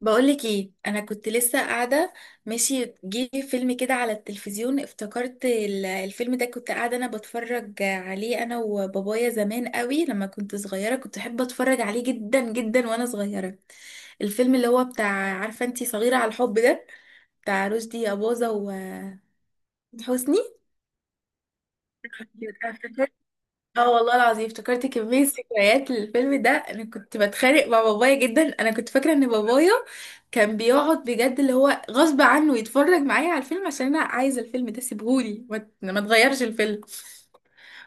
بقولك ايه، انا كنت لسه قاعده ماشي. جه فيلم كده على التلفزيون، افتكرت الفيلم ده، كنت قاعده انا بتفرج عليه انا وبابايا زمان قوي لما كنت صغيره، كنت احب اتفرج عليه جدا جدا وانا صغيره. الفيلم اللي هو بتاع، عارفه انتي، صغيره على الحب ده، بتاع رشدي اباظه وحسني. اه والله العظيم افتكرت كمية ذكريات للفيلم ده. انا كنت بتخانق مع بابايا جدا. انا كنت فاكرة ان بابايا كان بيقعد بجد، اللي هو غصب عنه يتفرج معايا على الفيلم عشان انا عايزة الفيلم ده، سيبهولي ما تغيرش الفيلم.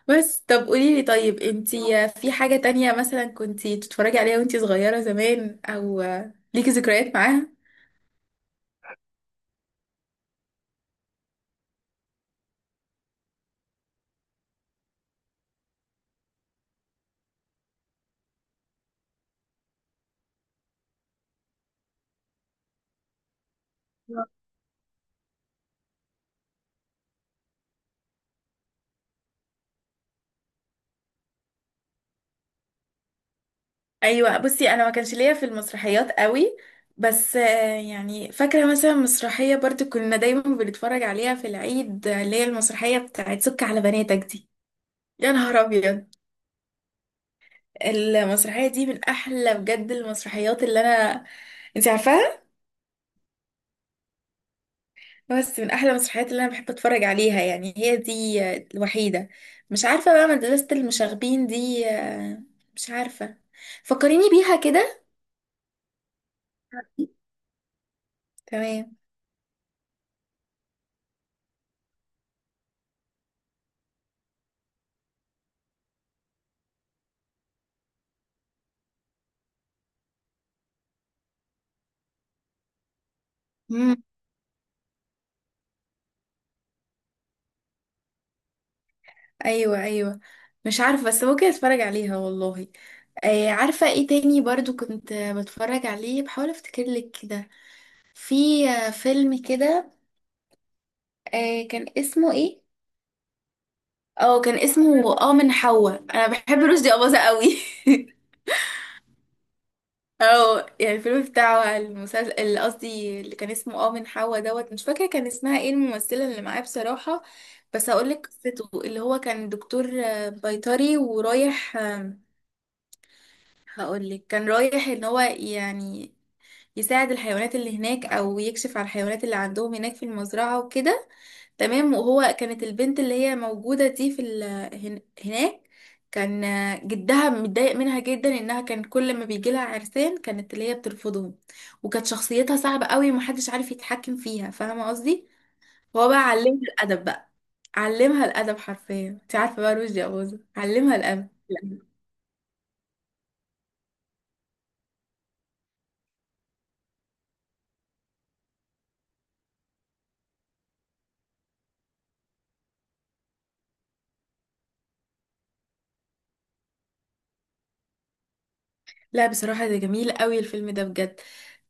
بس طب قوليلي، طيب انتي في حاجة تانية مثلا كنتي تتفرجي عليها وانتي صغيرة زمان، او ليكي ذكريات معاها؟ ايوه، بصي انا ما كانش ليا في المسرحيات قوي، بس يعني فاكره مثلا مسرحيه برضو كنا دايما بنتفرج عليها في العيد، اللي هي المسرحيه بتاعت سك على بناتك دي. يا نهار ابيض، المسرحيه دي من احلى بجد المسرحيات اللي انا، انت عارفاها، بس من احلى المسرحيات اللي انا بحب اتفرج عليها. يعني هي دي الوحيده. مش عارفه بقى، مدرسه المشاغبين دي، مش عارفه، فكريني بيها كده. تمام. ايوه ايوه، مش عارفه بس ممكن اتفرج عليها والله. آه عارفه ايه تاني برضو كنت بتفرج عليه، بحاول افتكر لك كده. في فيلم كده، كان اسمه ايه؟ اه كان اسمه من حواء. انا بحب رشدي اباظة قوي اه يعني الفيلم بتاعه، المسلسل اللي قصدي اللي كان اسمه من حواء دوت. مش فاكره كان اسمها ايه الممثله اللي معاه بصراحه. بس هقول لك قصته، اللي هو كان دكتور بيطري، ورايح هقولك كان رايح ان هو يعني يساعد الحيوانات اللي هناك، او يكشف على الحيوانات اللي عندهم هناك في المزرعة وكده. تمام. وهو كانت البنت اللي هي موجودة دي هناك، كان جدها متضايق منها جدا، انها كان كل ما بيجي لها عرسان كانت اللي هي بترفضهم، وكانت شخصيتها صعبة قوي ومحدش عارف يتحكم فيها، فاهمة قصدي؟ هو بقى علمها الادب بقى، علمها الادب حرفيا. انت عارفة بقى، رشدي أباظة علمها الادب. لا بصراحة ده جميل قوي الفيلم ده بجد.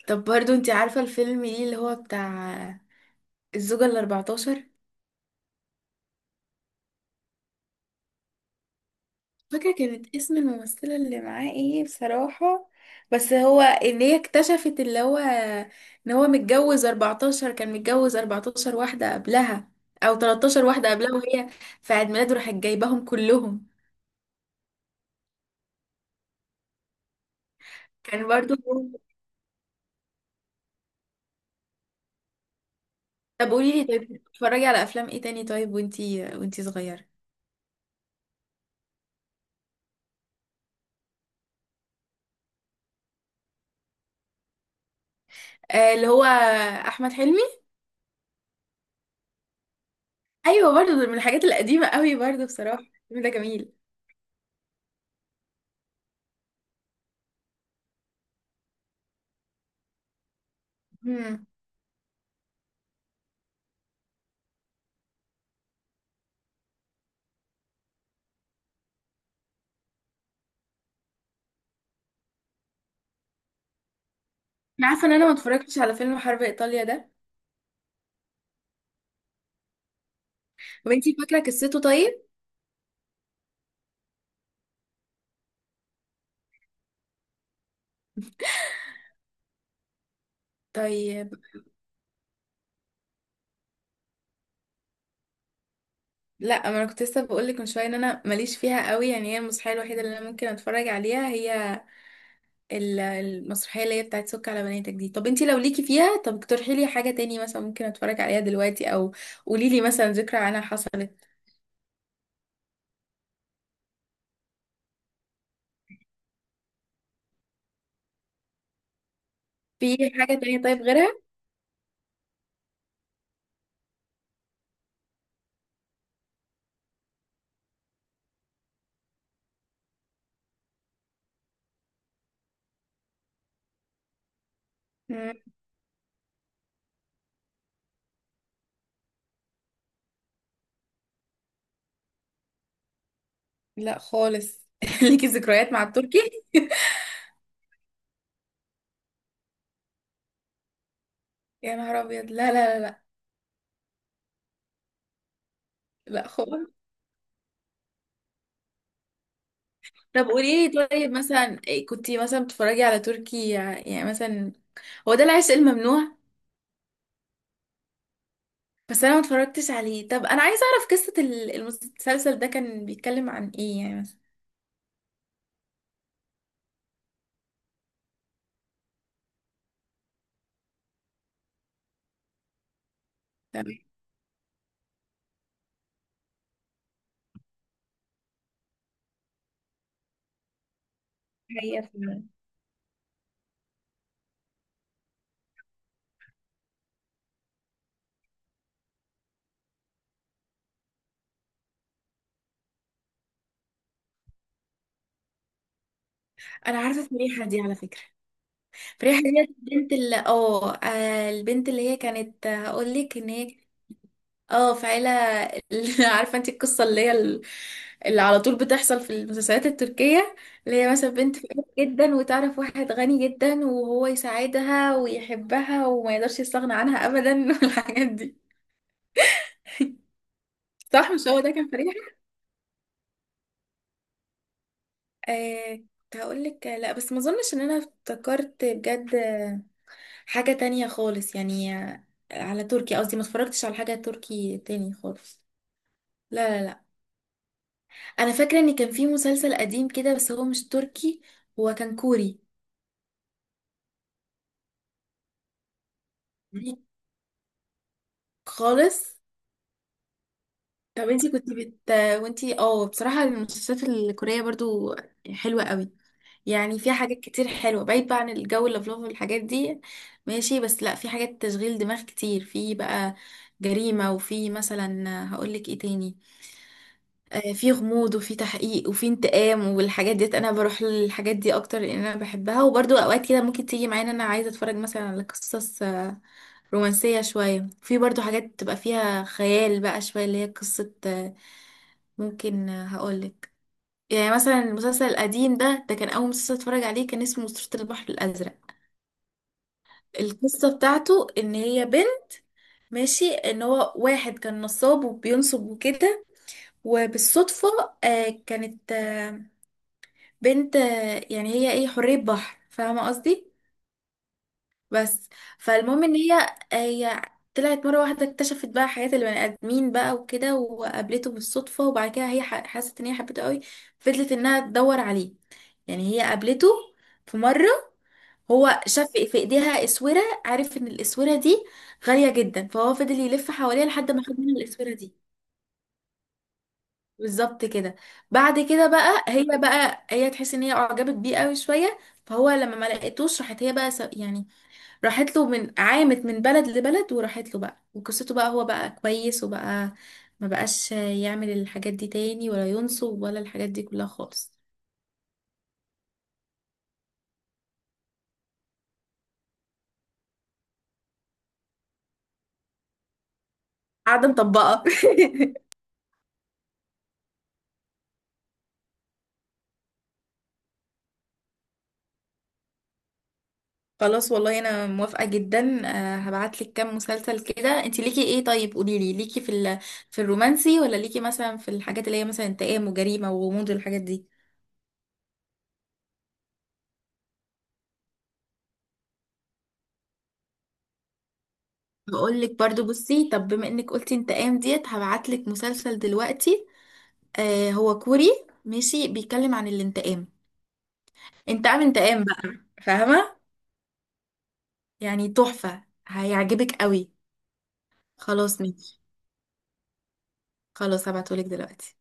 طب برضو انت عارفة الفيلم ليه، اللي هو بتاع الزوجة الأربعتاشر؟ فاكرة كانت اسم الممثلة اللي معاه ايه بصراحة؟ بس هو ان هي اكتشفت اللي هو ان هو متجوز 14، كان متجوز 14 واحدة قبلها، او 13 واحدة قبلها، وهي في عيد ميلاده راحت جايباهم كلهم. كان برضو. طب قولي لي، طيب بتتفرجي على افلام ايه تاني طيب، وانتي وانتي صغيرة؟ آه اللي هو احمد حلمي. ايوه برضو، ده من الحاجات القديمة قوي برضو بصراحة. الفيلم ده جميل. عارفه ان انا ما اتفرجتش على فيلم حرب ايطاليا ده. طب انتي فاكره قصته طيب؟ طيب. لا ما انا كنت لسه بقول لك من شويه ان انا ماليش فيها قوي. يعني هي المسرحيه الوحيده اللي انا ممكن اتفرج عليها هي المسرحيه اللي هي بتاعت سك على بناتك دي. طب انتي لو ليكي فيها طب اقترحي لي حاجه تاني مثلا ممكن اتفرج عليها دلوقتي، او قولي لي مثلا ذكرى عنها حصلت. في حاجه تانية طيب غيرها؟ مم، لا خالص ليكي ذكريات مع التركي؟ يا نهار ابيض، لا لا لا لا. لا خالص. طب قولي لي، طيب مثلا كنتي مثلا بتتفرجي على تركي يعني مثلا؟ هو ده العشق الممنوع. بس انا ما اتفرجتش عليه. طب انا عايزه اعرف قصه المسلسل ده كان بيتكلم عن ايه يعني مثلا. طب هي في. انا عارفه فريحه دي على فكره. فريحه دي البنت اللي البنت اللي هي كانت هقول لك ان هي، اه في عيلة اللي- عارفة انت القصة، اللي هي اللي على طول بتحصل في المسلسلات التركية، اللي هي مثلا بنت فقيرة جدا وتعرف واحد غني جدا وهو يساعدها ويحبها وما يقدرش يستغنى عنها ابدا والحاجات دي. صح مش هو ده كان فريحة؟ كنت هقول لك لا، بس ما اظنش ان انا افتكرت بجد حاجة تانية خالص يعني على تركي قصدي. ما اتفرجتش على حاجة تركي تاني خالص. لا لا لا. انا فاكره ان كان في مسلسل قديم كده بس هو مش تركي، هو كان كوري. غريب خالص. طب انتي كنت وانتي، بصراحه المسلسلات الكوريه برضو حلوه قوي. يعني فيها حاجات كتير حلوه، بعيد بقى عن الجو اللفلوف والحاجات دي، ماشي؟ بس لا، في حاجات تشغيل دماغ كتير، في بقى جريمه، وفي مثلا هقولك ايه تاني، في غموض، وفي تحقيق، وفي انتقام والحاجات ديت. انا بروح للحاجات دي اكتر لان انا بحبها. وبرضو اوقات كده ممكن تيجي معايا ان انا عايزه اتفرج مثلا على قصص رومانسيه شويه. في برضو حاجات بتبقى فيها خيال بقى شويه، اللي هي قصه آه، ممكن آه، هقولك، يعني مثلا المسلسل القديم ده كان اول مسلسل اتفرج عليه، كان اسمه أسطورة البحر الازرق. القصه بتاعته ان هي بنت، ماشي، ان هو واحد كان نصاب وبينصب وكده، وبالصدفه آه، كانت آه، بنت، يعني هي ايه، حرية بحر، فاهمة قصدي؟ بس. فالمهم ان هي طلعت مرة واحدة، اكتشفت بقى حياة البني آدمين بقى وكده، وقابلته بالصدفة، وبعد كده هي حست ان هي حبته قوي، فضلت انها تدور عليه. يعني هي قابلته في مرة، هو شاف في ايديها اسورة، عارف ان الاسورة دي غالية جدا، فهو فضل يلف حواليها لحد ما خد منها الاسورة دي. بالظبط كده. بعد كده بقى هي تحس ان هي اعجبت بيه قوي شويه، فهو لما ما لقيتوش، راحت هي بقى يعني راحت له، من عامت من بلد لبلد، وراحت له بقى، وقصته بقى هو بقى كويس، وبقى ما بقاش يعمل الحاجات دي تاني، ولا ينصب، ولا الحاجات دي كلها خالص. قاعده مطبقه خلاص والله انا موافقه جدا. هبعتلك كام مسلسل كده. انت ليكي ايه طيب؟ قوليلي، ليكي في في الرومانسي، ولا ليكي مثلا في الحاجات اللي هي مثلا انتقام وجريمه وغموض والحاجات دي؟ هقول لك برضو، بصي طب بما انك قلتي انت قام ديت، هبعت لك مسلسل دلوقتي. آه هو كوري، ماشي، بيتكلم عن الانتقام، انتقام انتقام بقى، فاهمة؟ يعني تحفة، هيعجبك قوي. خلاص ماشي. خلاص هبعته لك دلوقتي.